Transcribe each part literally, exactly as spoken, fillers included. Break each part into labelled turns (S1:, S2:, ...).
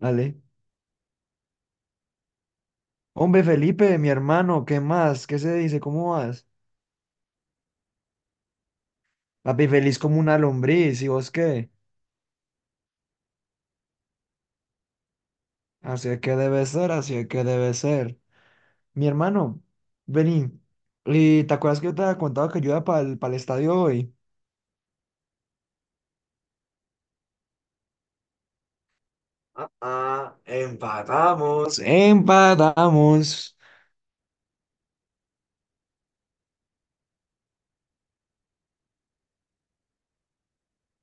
S1: Dale. Hombre, Felipe, mi hermano, ¿qué más? ¿Qué se dice? ¿Cómo vas? Papi, feliz como una lombriz, ¿y vos qué? Así es que debe ser, así es que debe ser. Mi hermano, vení. ¿Y te acuerdas que yo te había contado que yo iba para el estadio hoy? Ah, ah, empatamos. Empatamos.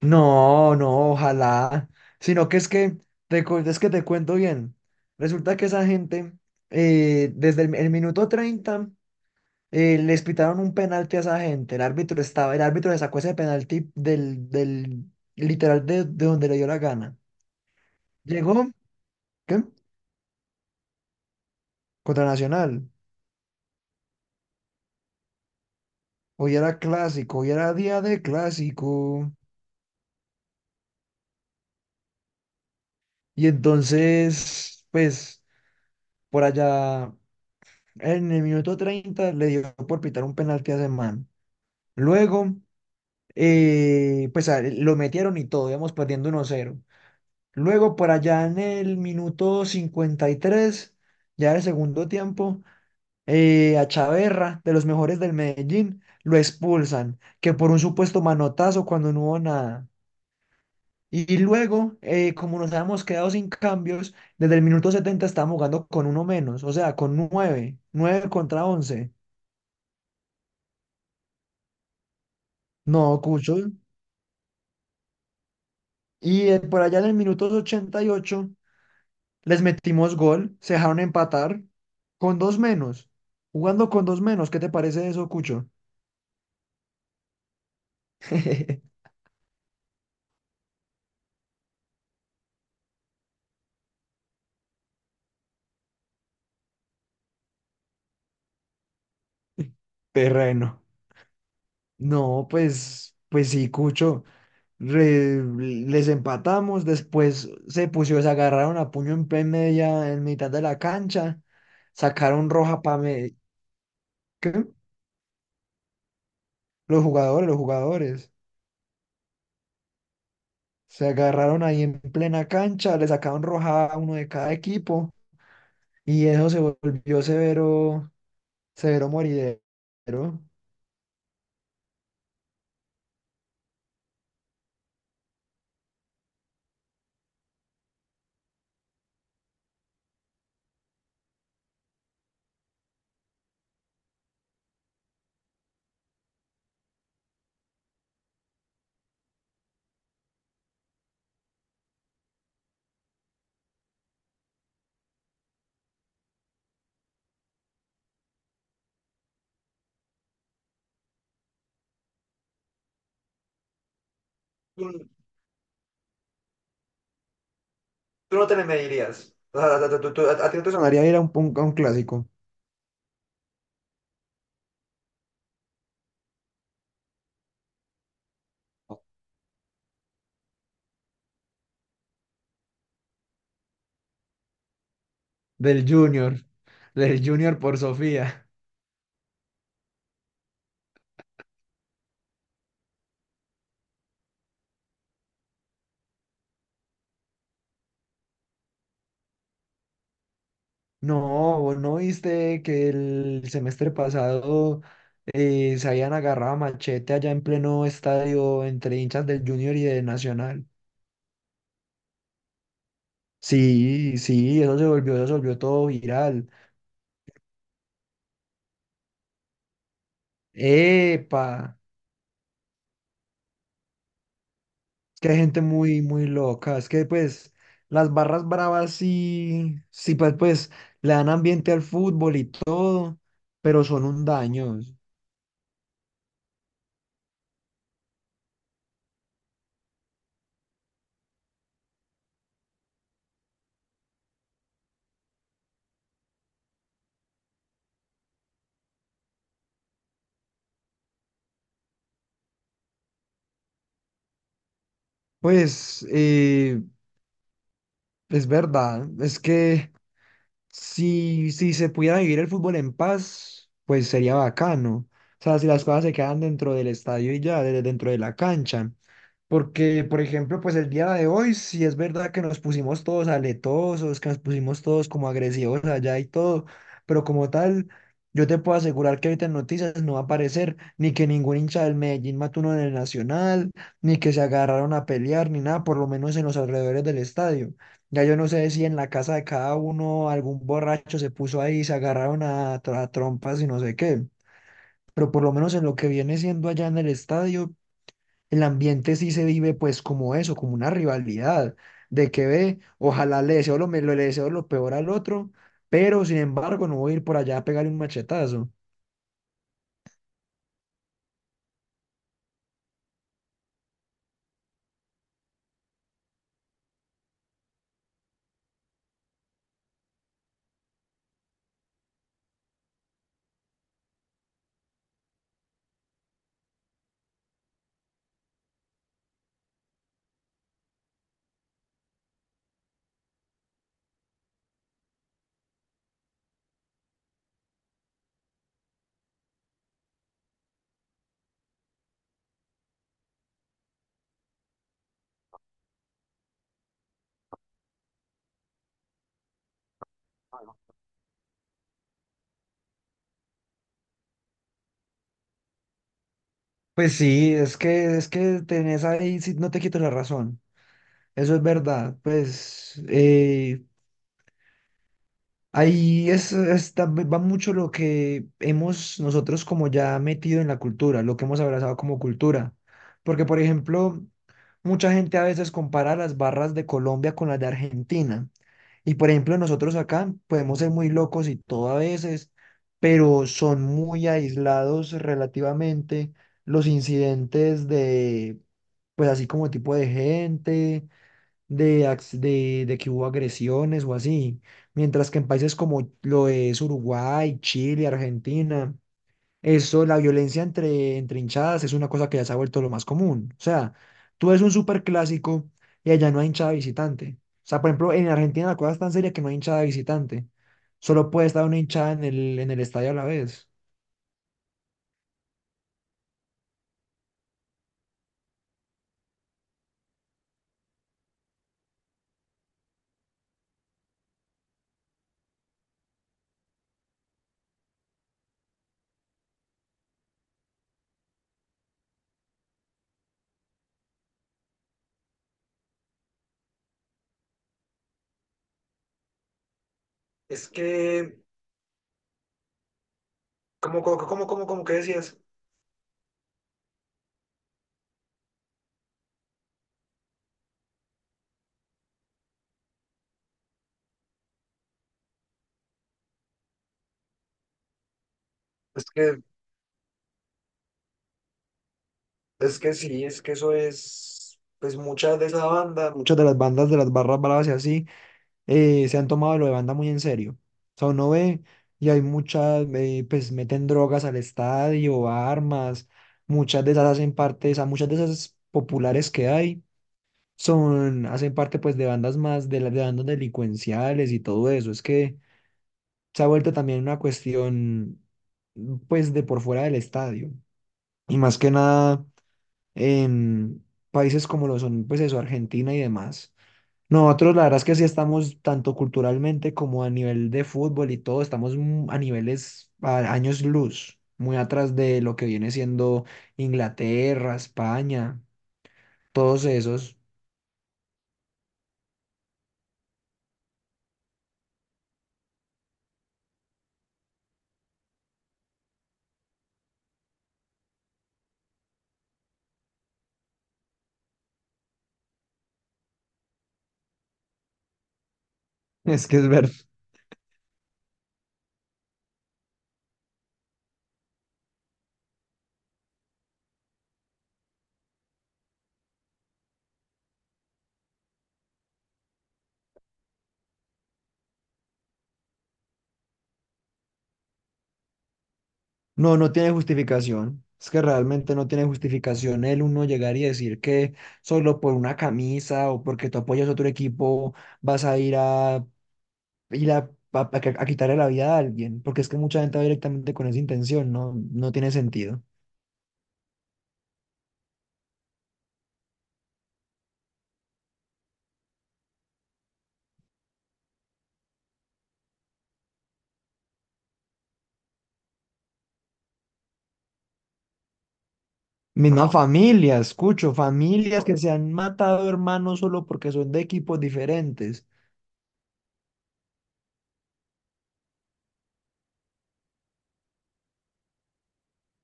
S1: No, no, ojalá. Sino que es que te, cu- es que te cuento bien. Resulta que esa gente, eh, desde el el minuto treinta, eh, les pitaron un penalti a esa gente. El árbitro estaba, el árbitro le sacó ese penalti del, del literal de, de donde le dio la gana. Llegó, ¿qué? Contra Nacional. Hoy era clásico, hoy era día de clásico. Y entonces, pues, por allá, en el minuto treinta le dio por pitar un penalti a ese man. Luego, eh, pues a- lo metieron y todo, íbamos perdiendo uno cero. Luego, por allá en el minuto cincuenta y tres, ya del segundo tiempo, eh, a Chaverra, de los mejores del Medellín, lo expulsan, que por un supuesto manotazo, cuando no hubo nada. Y luego, eh, como nos habíamos quedado sin cambios, desde el minuto setenta estábamos jugando con uno menos, o sea, con nueve, nueve contra once. No, Cucho. Y eh, por allá en el minuto ochenta y ocho les metimos gol, se dejaron empatar con dos menos. Jugando con dos menos, ¿qué te parece eso, Cucho? Terreno. No, pues, pues sí, Cucho. Re- Les empatamos, después se pusieron, se agarraron a puño en pe- media, en mitad de la cancha, sacaron roja para, ¿qué? Los jugadores, los jugadores. Se agarraron ahí en plena cancha, le sacaron roja a uno de cada equipo y eso se volvió severo, severo moridero. Tú, tú no te le medirías. O sea, tú- tú- tú- a, a ti no te sonaría ir a un, pun- a un clásico del Junior, del Junior por Sofía. No, ¿vos no viste que el semestre pasado, eh, se habían agarrado a machete allá en pleno estadio entre hinchas del Junior y de Nacional? Sí, sí, eso se volvió, eso se volvió todo viral. ¡Epa! Que hay gente muy, muy loca. Es que, pues, las barras bravas, sí, sí, pues, pues, le dan ambiente al fútbol y todo, pero son un daño. Pues, eh, es verdad. Es que si, si se pudiera vivir el fútbol en paz, pues sería bacano. O sea, si las cosas se quedan dentro del estadio y ya, de- dentro de la cancha. Porque, por ejemplo, pues el día de hoy, si es verdad que nos pusimos todos aletosos, que nos pusimos todos como agresivos allá y todo, pero como tal, yo te puedo asegurar que ahorita en noticias no va a aparecer ni que ningún hincha del Medellín mató uno en el Nacional, ni que se agarraron a pelear, ni nada, por lo menos en los alrededores del estadio. Ya yo no sé si en la casa de cada uno algún borracho se puso ahí y se agarraron a, tr- a trompas y no sé qué, pero por lo menos en lo que viene siendo allá en el estadio, el ambiente sí se vive pues como eso, como una rivalidad, de que ve, ojalá le deseo lo, me- le deseo lo peor al otro, pero sin embargo no voy a ir por allá a pegarle un machetazo. Pues sí, es que, es que tenés ahí, sí, no te quito la razón, eso es verdad. Pues, eh, ahí es, es tam- va mucho lo que hemos nosotros como ya metido en la cultura, lo que hemos abrazado como cultura. Porque, por ejemplo, mucha gente a veces compara las barras de Colombia con las de Argentina. Y, por ejemplo, nosotros acá podemos ser muy locos y todo a veces, pero son muy aislados relativamente los incidentes de, pues así como tipo de gente de, ax- de, de que hubo agresiones o así. Mientras que en países como lo es Uruguay, Chile, Argentina, eso, la violencia entre, entre hinchadas es una cosa que ya se ha vuelto lo más común. O sea, tú ves un superclásico y allá no hay hinchada visitante. O sea, por ejemplo, en Argentina la cosa es tan seria que no hay hinchada visitante. Solo puede estar una hinchada en el, en el estadio a la vez. Es que, ¿cómo, cómo, cómo, cómo, cómo que decías? Es que Es que sí, es que eso es, pues muchas de esas bandas, muchas de las bandas de las barras bravas y así, eh, se han tomado lo de banda muy en serio. O sea, uno ve y hay muchas, eh, pues meten drogas al estadio, armas, muchas de esas hacen parte, o sea, muchas de esas populares que hay, son, hacen parte pues de bandas más, de las de bandas delincuenciales y todo eso. Es que se ha vuelto también una cuestión, pues, de por fuera del estadio. Y más que nada en países como lo son, pues eso, Argentina y demás. Nosotros la verdad es que sí estamos tanto culturalmente como a nivel de fútbol y todo, estamos mm, a niveles, a años luz, muy atrás de lo que viene siendo Inglaterra, España, todos esos. Es que es verdad. No, no tiene justificación. Es que realmente no tiene justificación el uno llegar y decir que solo por una camisa o porque tú apoyas a otro equipo vas a ir a y la, a, a- a quitarle la vida a alguien, porque es que mucha gente va directamente con esa intención. No, no tiene sentido. Misma familia, escucho, familias que se han matado hermanos solo porque son de equipos diferentes.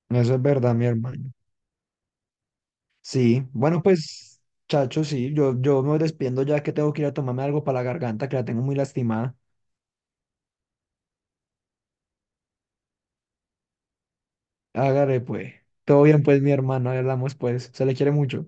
S1: Eso es verdad, mi hermano. Sí, bueno, pues, chacho, sí, yo, yo me despiendo ya que tengo que ir a tomarme algo para la garganta, que la tengo muy lastimada. Hágale, pues. Todo bien, pues, mi hermano, ahí hablamos, pues. Se le quiere mucho.